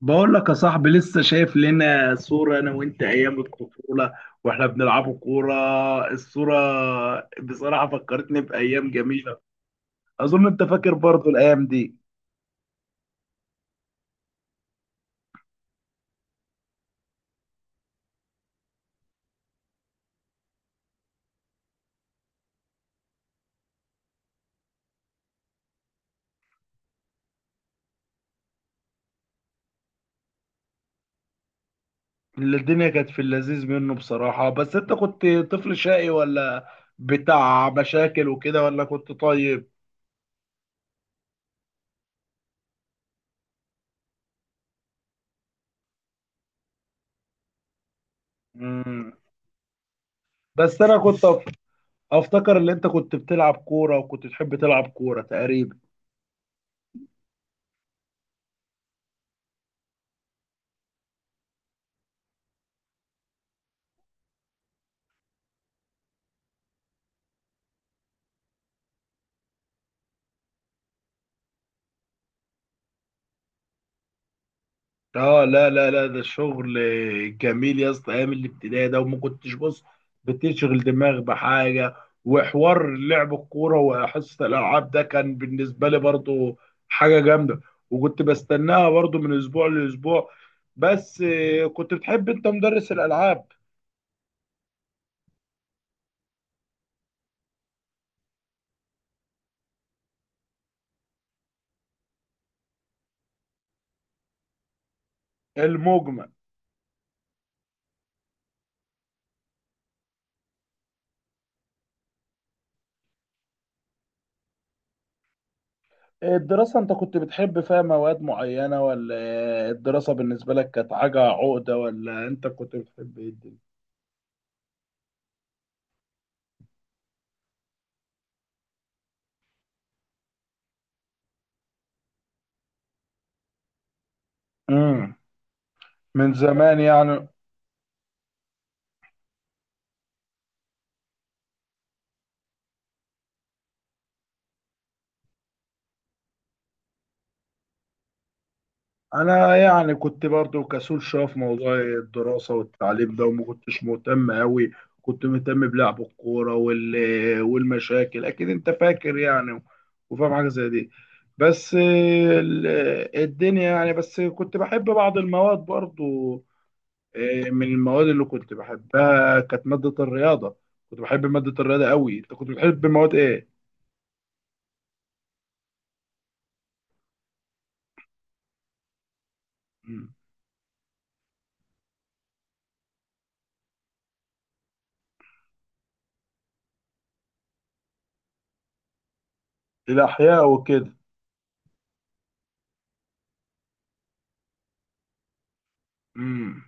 بقول لك يا صاحبي، لسه شايف لنا صورة أنا وأنت أيام الطفولة وإحنا بنلعبوا كورة. الصورة بصراحة فكرتني بأيام جميلة. أظن أنت فاكر برضو الأيام دي. اللي الدنيا كانت في اللذيذ منه بصراحة. بس أنت كنت طفل شقي ولا بتاع مشاكل وكده، ولا كنت طيب؟ مم. بس أنا كنت أفتكر إن أنت كنت بتلعب كورة وكنت تحب تلعب كورة تقريبا. اه، لا لا لا، ده شغل جميل يا اسطى، ايام الابتدائي ده. وما كنتش بتشغل دماغ بحاجه. وحوار لعب الكوره وحصه الالعاب ده كان بالنسبه لي برضو حاجه جامده. وكنت بستناها برضو من اسبوع لاسبوع. بس كنت بتحب انت مدرس الالعاب؟ المجمل، الدراسه انت كنت بتحب فيها مواد معينه؟ ولا الدراسه بالنسبه لك كانت حاجه عقده؟ ولا انت كنت بتحب ايه الدنيا؟ امم من زمان يعني. انا يعني كنت برضو كسول شويه في موضوع الدراسه والتعليم ده، وما كنتش مهتم قوي. كنت مهتم بلعب الكوره والمشاكل، اكيد انت فاكر يعني وفاهم حاجه زي دي. بس ال- الدنيا يعني. بس كنت بحب بعض المواد برضو. إيه، من المواد اللي كنت بحبها كانت ماده الرياضه. كنت بحب ماده الرياضه قوي. انت كنت بتحب مواد ايه؟ مم. الاحياء وكده. مم.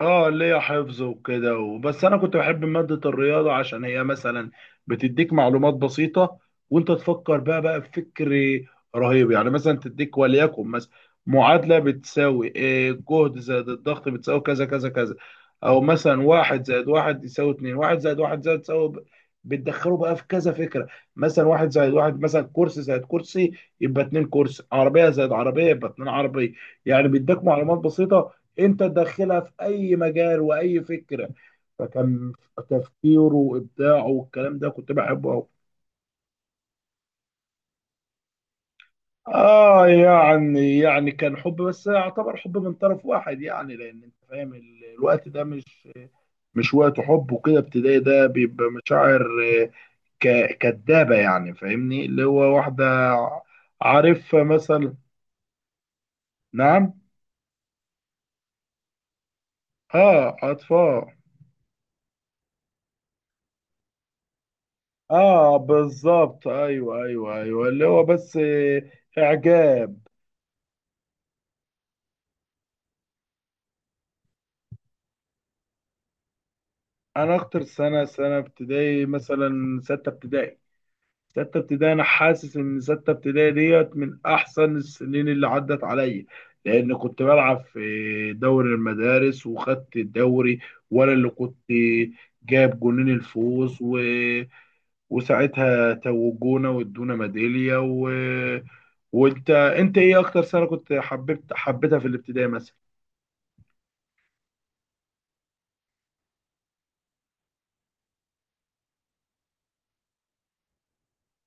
اه، ليا حفظ وكده. بس انا كنت بحب مادة الرياضة عشان هي مثلا بتديك معلومات بسيطة، وانت تفكر بقى بفكر رهيب يعني. مثلا تديك وليكن مثلا معادلة بتساوي إيه، جهد زائد الضغط بتساوي كذا كذا كذا. او مثلا واحد زائد واحد يساوي اتنين. واحد زائد واحد زائد تساوي ب- بتدخله بقى في كذا فكرة. مثلا واحد زائد واحد، مثلا كرسي زائد كرسي، يبقى اتنين كرسي. عربية زائد عربية يبقى اتنين عربية. يعني بيديك معلومات بسيطة انت تدخلها في اي مجال واي فكره. فكان تفكيره وابداعه والكلام ده كنت بحبه قوي. اه يعني، يعني كان حب بس يعتبر حب من طرف واحد يعني. لان انت فاهم الوقت ده مش وقت حب وكده. ابتدائي ده بيبقى مشاعر آه، كدابه يعني. فاهمني اللي هو واحده عارفها مثلا. نعم. اه، اطفال. اه، بالظبط، ايوه ايوه ايوه. اللي هو بس آه، اعجاب. انا اكتر سنه ابتدائي مثلا سته ابتدائي انا حاسس ان سته ابتدائي ديت من احسن السنين اللي عدت عليا. لان كنت بلعب في دوري المدارس وخدت الدوري. وانا اللي كنت جاب جونين الفوز، و... وساعتها توجونا وادونا ميداليه. و... وانت، انت ايه اكتر سنه كنت حبيتها في الابتدائي مثلا؟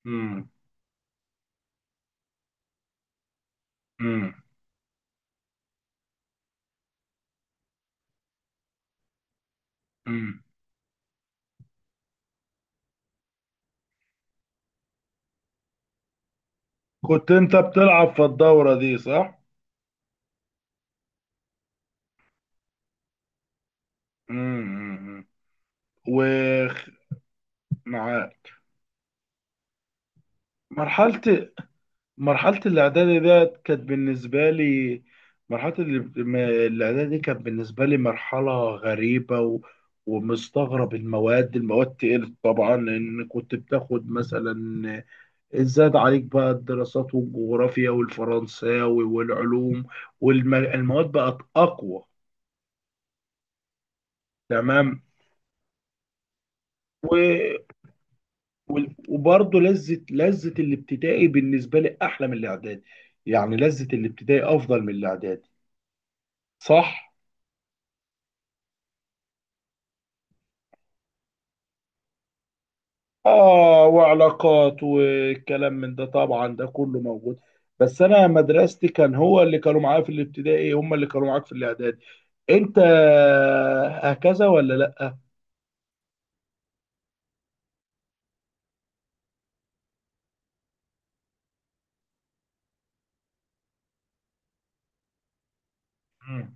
امم. امم. امم. كنت انت بتلعب في الدوره دي صح؟ امم. ومع مرحلة مرحلة الإعدادي ديت كانت بالنسبة لي مرحلة الإعدادي دي كانت بالنسبة لي مرحلة غريبة و... ومستغرب. المواد تقلت طبعا، لأن كنت بتاخد مثلا، زاد عليك بقى الدراسات والجغرافيا والفرنساوي والعلوم، والمواد بقت أقوى. تمام. وبرضه لذه الابتدائي بالنسبه لي احلى من الاعدادي. يعني لذه الابتدائي افضل من الاعدادي صح. اه، وعلاقات والكلام من ده طبعا ده كله موجود. بس انا مدرستي كان هو اللي كانوا معايا في الابتدائي، هم اللي كانوا معاك في الاعدادي انت، هكذا ولا لا؟ مم.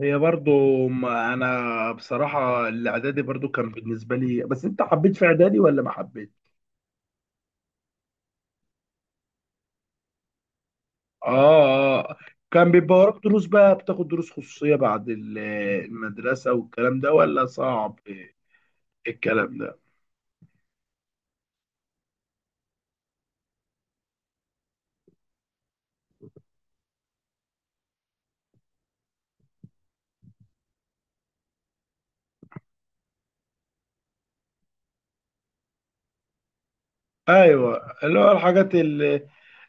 هي برضو، ما انا بصراحه الاعدادي برضو كان بالنسبه لي. بس انت حبيت في اعدادي ولا ما حبيت؟ اه اه. كان بيبقى وراك دروس بقى، بتاخد دروس خصوصية بعد المدرسة والكلام ده؟ ولا صعب الكلام ده؟ ايوه، اللي هو الحاجات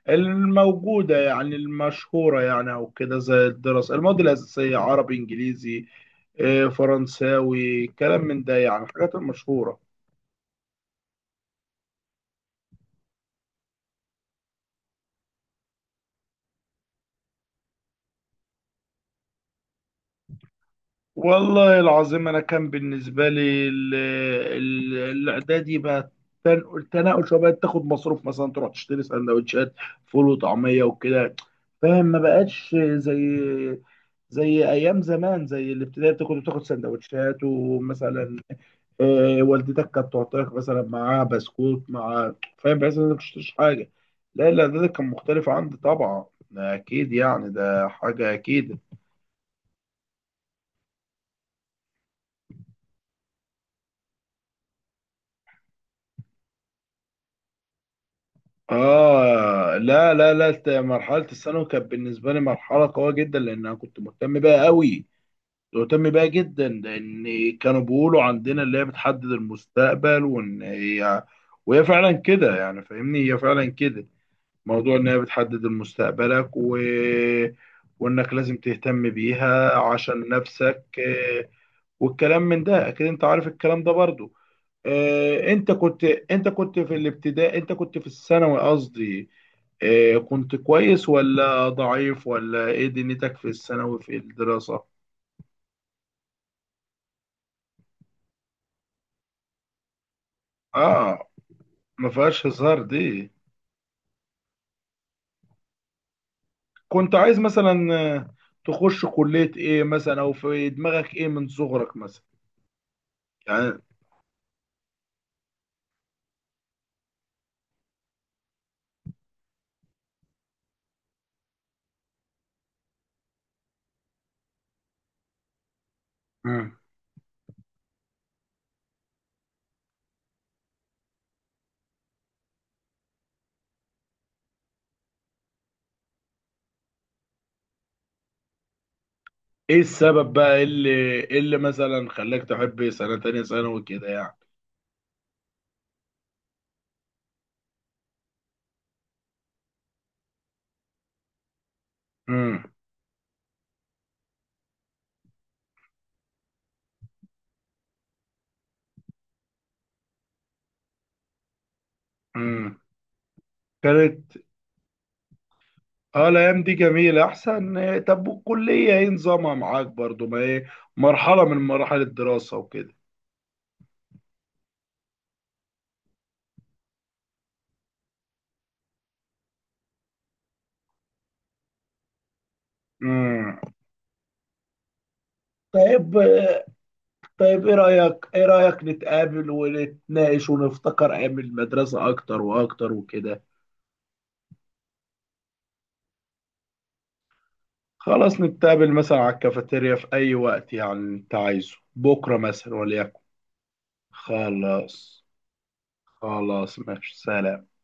الموجودة يعني، المشهورة يعني. او كده زي الدراسة، المواد الأساسية، عربي، انجليزي، آه، فرنساوي، كلام من ده يعني الحاجات المشهورة. والله العظيم انا كان بالنسبه لي الاعدادي بقى، تنقل شويه. بقت تاخد مصروف مثلا، تروح تشتري سندوتشات فول وطعميه وكده. فاهم، ما بقتش زي ايام زمان. زي الابتدائي بتاخد سندوتشات. ومثلا آه، والدتك كانت تعطيك مثلا معاها بسكوت، مع فاهم بحيث انك مش حاجه. لا لا، ده كان مختلف عندي طبعا. اكيد يعني ده حاجه اكيد. اه، لا لا لا، مرحله الثانوي كانت بالنسبه لي مرحله قويه جدا، لان انا كنت مهتم بيها قوي. كنت مهتم بيها جدا، لان كانوا بيقولوا عندنا اللي هي بتحدد المستقبل. وان هي، وهي فعلا كده يعني. فاهمني هي فعلا كده، موضوع ان هي بتحدد مستقبلك، و... وانك لازم تهتم بيها عشان نفسك. آه، والكلام من ده، اكيد انت عارف الكلام ده برضو. آه، انت كنت في الابتدائي انت كنت في الثانوي قصدي. آه، كنت كويس ولا ضعيف ولا ايه دنيتك في الثانوي في الدراسة؟ اه، ما فيهاش هزار دي. كنت عايز مثلا آه، تخش كلية ايه مثلا، او في دماغك ايه من صغرك مثلا يعني؟ مم. ايه السبب بقى اللي مثلا خلاك تحب سنة تانية ثانوي كده يعني؟ امم. امم. كانت، اه الايام دي جميله احسن. آه، طب والكليه ايه نظامها معاك برضو؟ ما ايه، مرحله من مراحل الدراسه وكده. امم. طيب. طيب ايه رايك نتقابل ونتناقش ونفتكر ايام المدرسه اكتر واكتر وكده؟ خلاص نتقابل مثلا على الكافيتيريا في اي وقت، يعني انت عايزه بكره مثلا وليكن. خلاص. خلاص ماشي، سلام.